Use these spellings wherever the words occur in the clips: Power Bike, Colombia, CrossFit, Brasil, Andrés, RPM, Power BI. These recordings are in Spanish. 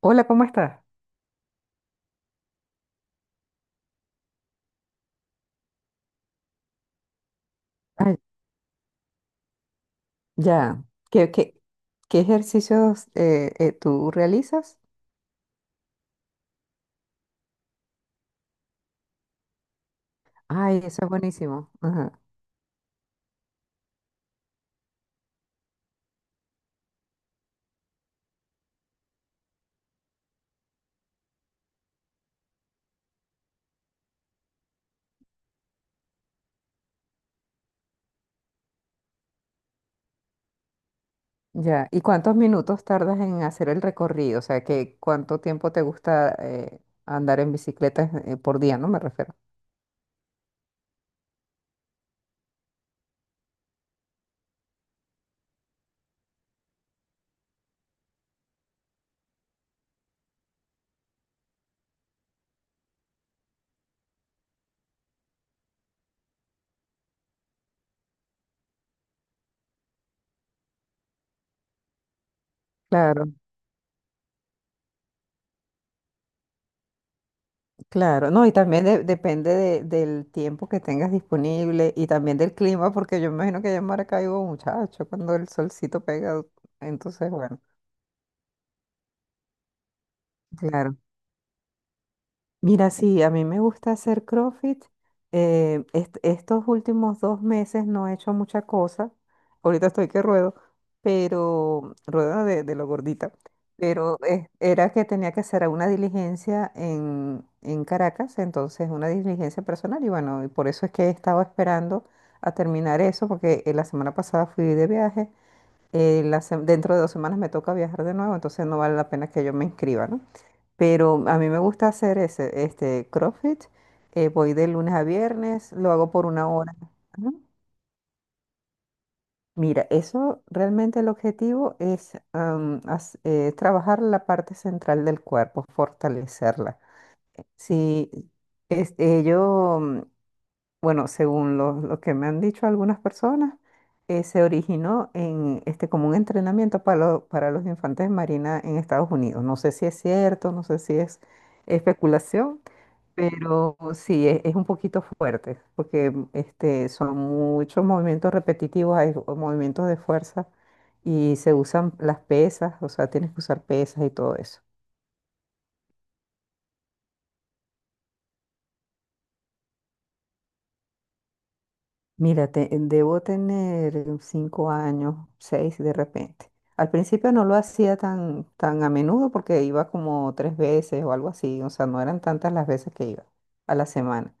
Hola, ¿cómo estás? Ay, ya. ¿Qué, qué, qué ejercicios tú realizas? Ay, eso es buenísimo. Ajá, ya. ¿Y cuántos minutos tardas en hacer el recorrido? O sea, ¿qué cuánto tiempo te gusta andar en bicicleta por día, ¿no? Me refiero. Claro, claro. No, y también depende del tiempo que tengas disponible y también del clima, porque yo imagino que allá en Maracaibo, muchacho, cuando el solcito pega, entonces, bueno, claro. Mira, sí, a mí me gusta hacer CrossFit. Estos últimos 2 meses no he hecho mucha cosa. Ahorita estoy que ruedo, pero ruedo de lo gordita. Pero era que tenía que hacer una diligencia en Caracas, entonces una diligencia personal. Y bueno, y por eso es que he estado esperando a terminar eso, porque la semana pasada fui de viaje. Dentro de 2 semanas me toca viajar de nuevo, entonces no vale la pena que yo me inscriba, ¿no? Pero a mí me gusta hacer este CrossFit. Voy de lunes a viernes, lo hago por 1 hora. Ajá. Mira, eso realmente el objetivo es trabajar la parte central del cuerpo, fortalecerla. Si este, yo, bueno, según lo que me han dicho algunas personas, se originó en este como un entrenamiento para los infantes de marina en Estados Unidos. No sé si es cierto, no sé si es especulación. Pero sí, es un poquito fuerte, porque este, son muchos movimientos repetitivos, movimientos de fuerza y se usan las pesas, o sea, tienes que usar pesas y todo eso. Mira, debo tener 5 años, seis de repente. Al principio no lo hacía tan a menudo porque iba como tres veces o algo así, o sea, no eran tantas las veces que iba a la semana.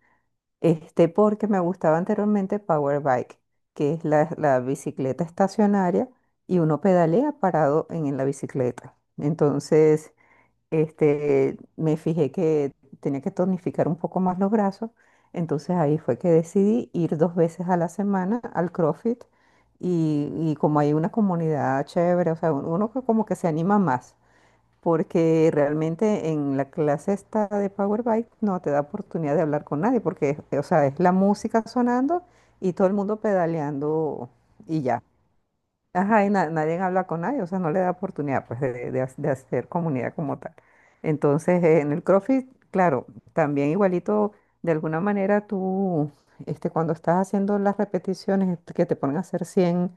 Este, porque me gustaba anteriormente Power Bike, que es la bicicleta estacionaria y uno pedalea parado en la bicicleta. Entonces, este, me fijé que tenía que tonificar un poco más los brazos. Entonces ahí fue que decidí ir dos veces a la semana al CrossFit y como hay una comunidad chévere, o sea, uno que como que se anima más porque realmente en la clase esta de Power BI no te da oportunidad de hablar con nadie, porque, o sea, es la música sonando y todo el mundo pedaleando y ya. Ajá, y nadie habla con nadie, o sea, no le da oportunidad pues de hacer comunidad como tal. Entonces, en el CrossFit, claro, también igualito, de alguna manera tú, este, cuando estás haciendo las repeticiones que te ponen a hacer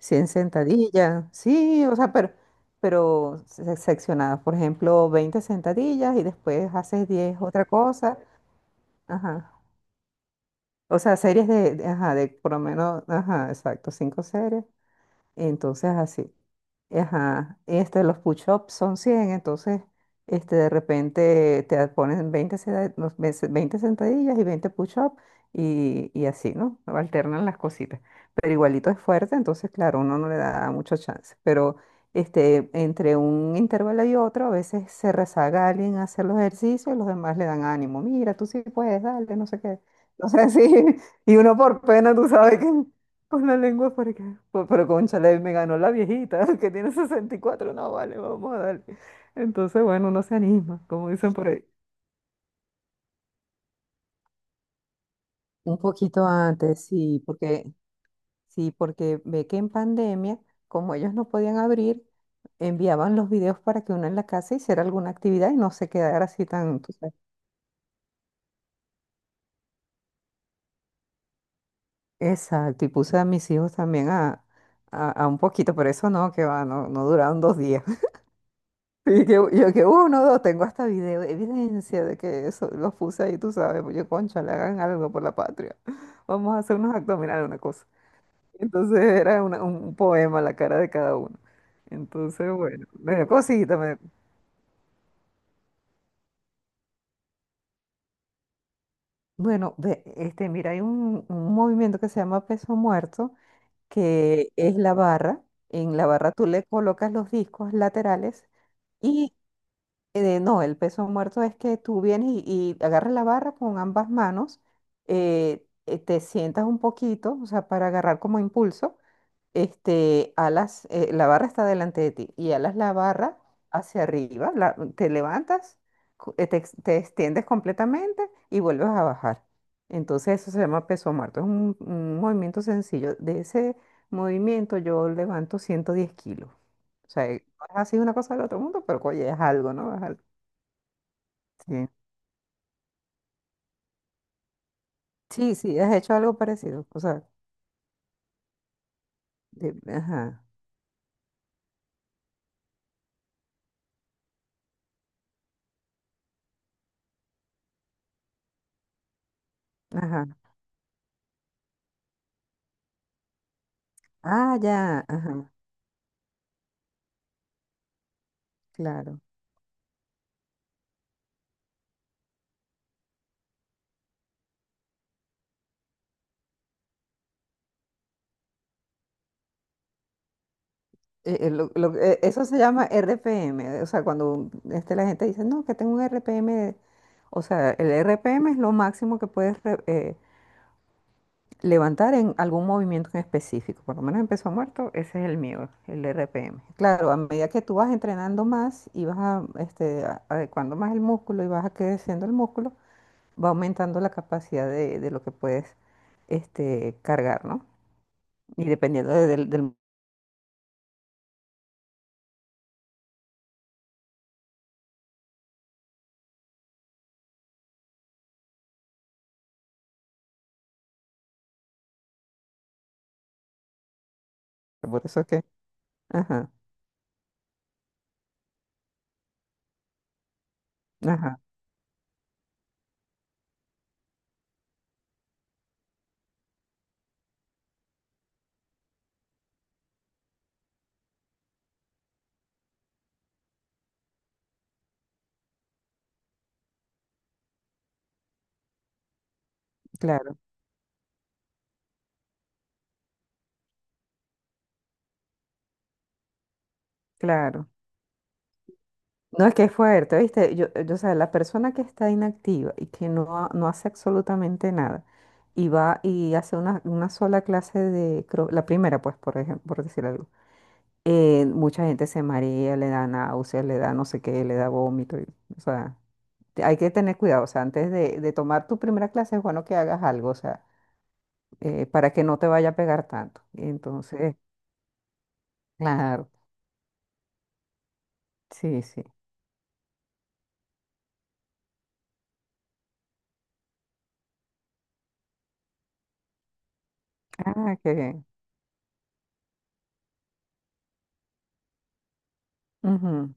100 sentadillas, sí, o sea, pero seccionadas, por ejemplo, 20 sentadillas y después haces 10 otra cosa, ajá. O sea, series ajá, de por lo menos, ajá, exacto, cinco series, entonces así. Ajá, este, los push-ups son 100 entonces este, de repente te ponen 20 seda- los ves- 20 sentadillas y 20 push-ups y así, ¿no? Alternan las cositas. Pero igualito es fuerte, entonces claro, uno no le da mucho chance. Pero este, entre un intervalo y otro, a veces se rezaga alguien a hacer los ejercicios y los demás le dan ánimo. Mira, tú sí puedes, dale, no sé qué. No sé si, y uno por pena, tú sabes que... Con la lengua por acá. Pues, pero cónchale, me ganó la viejita, que tiene 64. No, vale, vamos a darle. Entonces, bueno, uno se anima, como dicen por ahí. Un poquito antes, sí, porque ve que en pandemia, como ellos no podían abrir, enviaban los videos para que uno en la casa hiciera alguna actividad y no se quedara así tan, tú sabes. Exacto, y puse a mis hijos también a un poquito, pero eso no, que va, no, no duraron 2 días. Y que, yo que uno, dos, tengo hasta video, evidencia de que eso los puse ahí, tú sabes, pues yo, concha, le hagan algo por la patria. Vamos a hacer unos abdominales, una cosa. Entonces era un poema la cara de cada uno. Entonces, bueno, me dio cosita. Bueno, ve, este, mira, hay un movimiento que se llama peso muerto, que es la barra. En la barra tú le colocas los discos laterales. Y Eh, no, el peso muerto es que tú vienes y agarras la barra con ambas manos, te sientas un poquito, o sea, para agarrar como impulso, este, alas, la barra está delante de ti y alas la barra hacia arriba, te levantas, te extiendes completamente y vuelves a bajar. Entonces eso se llama peso muerto, es un movimiento sencillo. De ese movimiento yo levanto 110 kilos. O sea, no es así una cosa del otro mundo, pero oye, es algo, ¿no? Es algo. Sí, sí, sí, has hecho algo parecido. O sea, ajá, ajá. Ah, ya, ajá, claro. Eso se llama RPM. O sea, cuando este, la gente dice, no, que tengo un RPM. O sea, el RPM es lo máximo que puedes levantar en algún movimiento en específico. Por lo menos en peso muerto, ese es el mío, el RPM. Claro, a medida que tú vas entrenando más y vas a, este, adecuando más el músculo y vas creciendo el músculo, va aumentando la capacidad de lo que puedes este, cargar, ¿no? Y dependiendo del... Por eso es que... Ajá, ajá, claro, claro. No, es que es fuerte, ¿viste? Yo, o sea, la persona que está inactiva y que no, no hace absolutamente nada y va y hace una sola clase de... la primera, pues, por ejemplo, por decir algo. Mucha gente se marea, le da náuseas, le da no sé qué, le da vómito, o sea... hay que tener cuidado, o sea, antes de tomar tu primera clase es bueno que hagas algo, o sea, para que no te vaya a pegar tanto. Entonces, claro, sí, sí. Ah, qué bien. Ujú,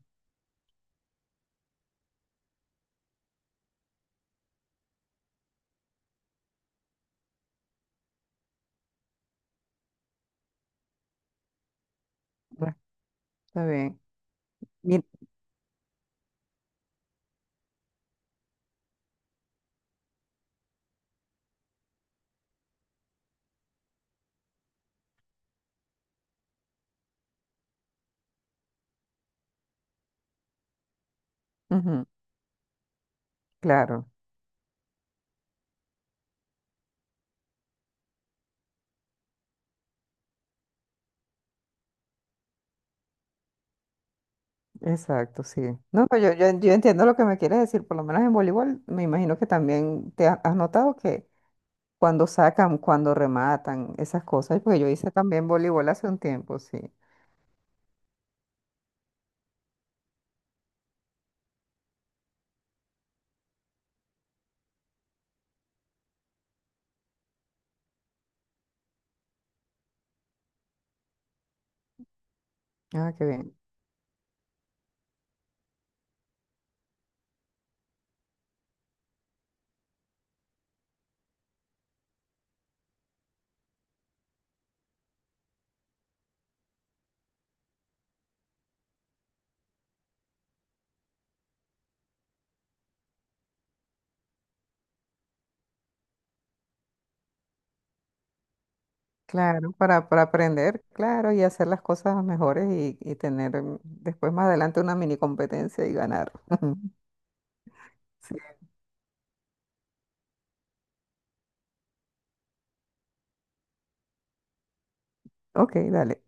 bueno, está bien. Mi- ujú, claro, exacto, sí. No, no, yo entiendo lo que me quieres decir, por lo menos en voleibol, me imagino que también te has notado que cuando sacan, cuando rematan, esas cosas, porque yo hice también voleibol hace un tiempo, sí. Ah, qué bien. Claro, para aprender, claro, y hacer las cosas mejores y tener después más adelante una mini competencia y ganar. Sí. Ok, dale.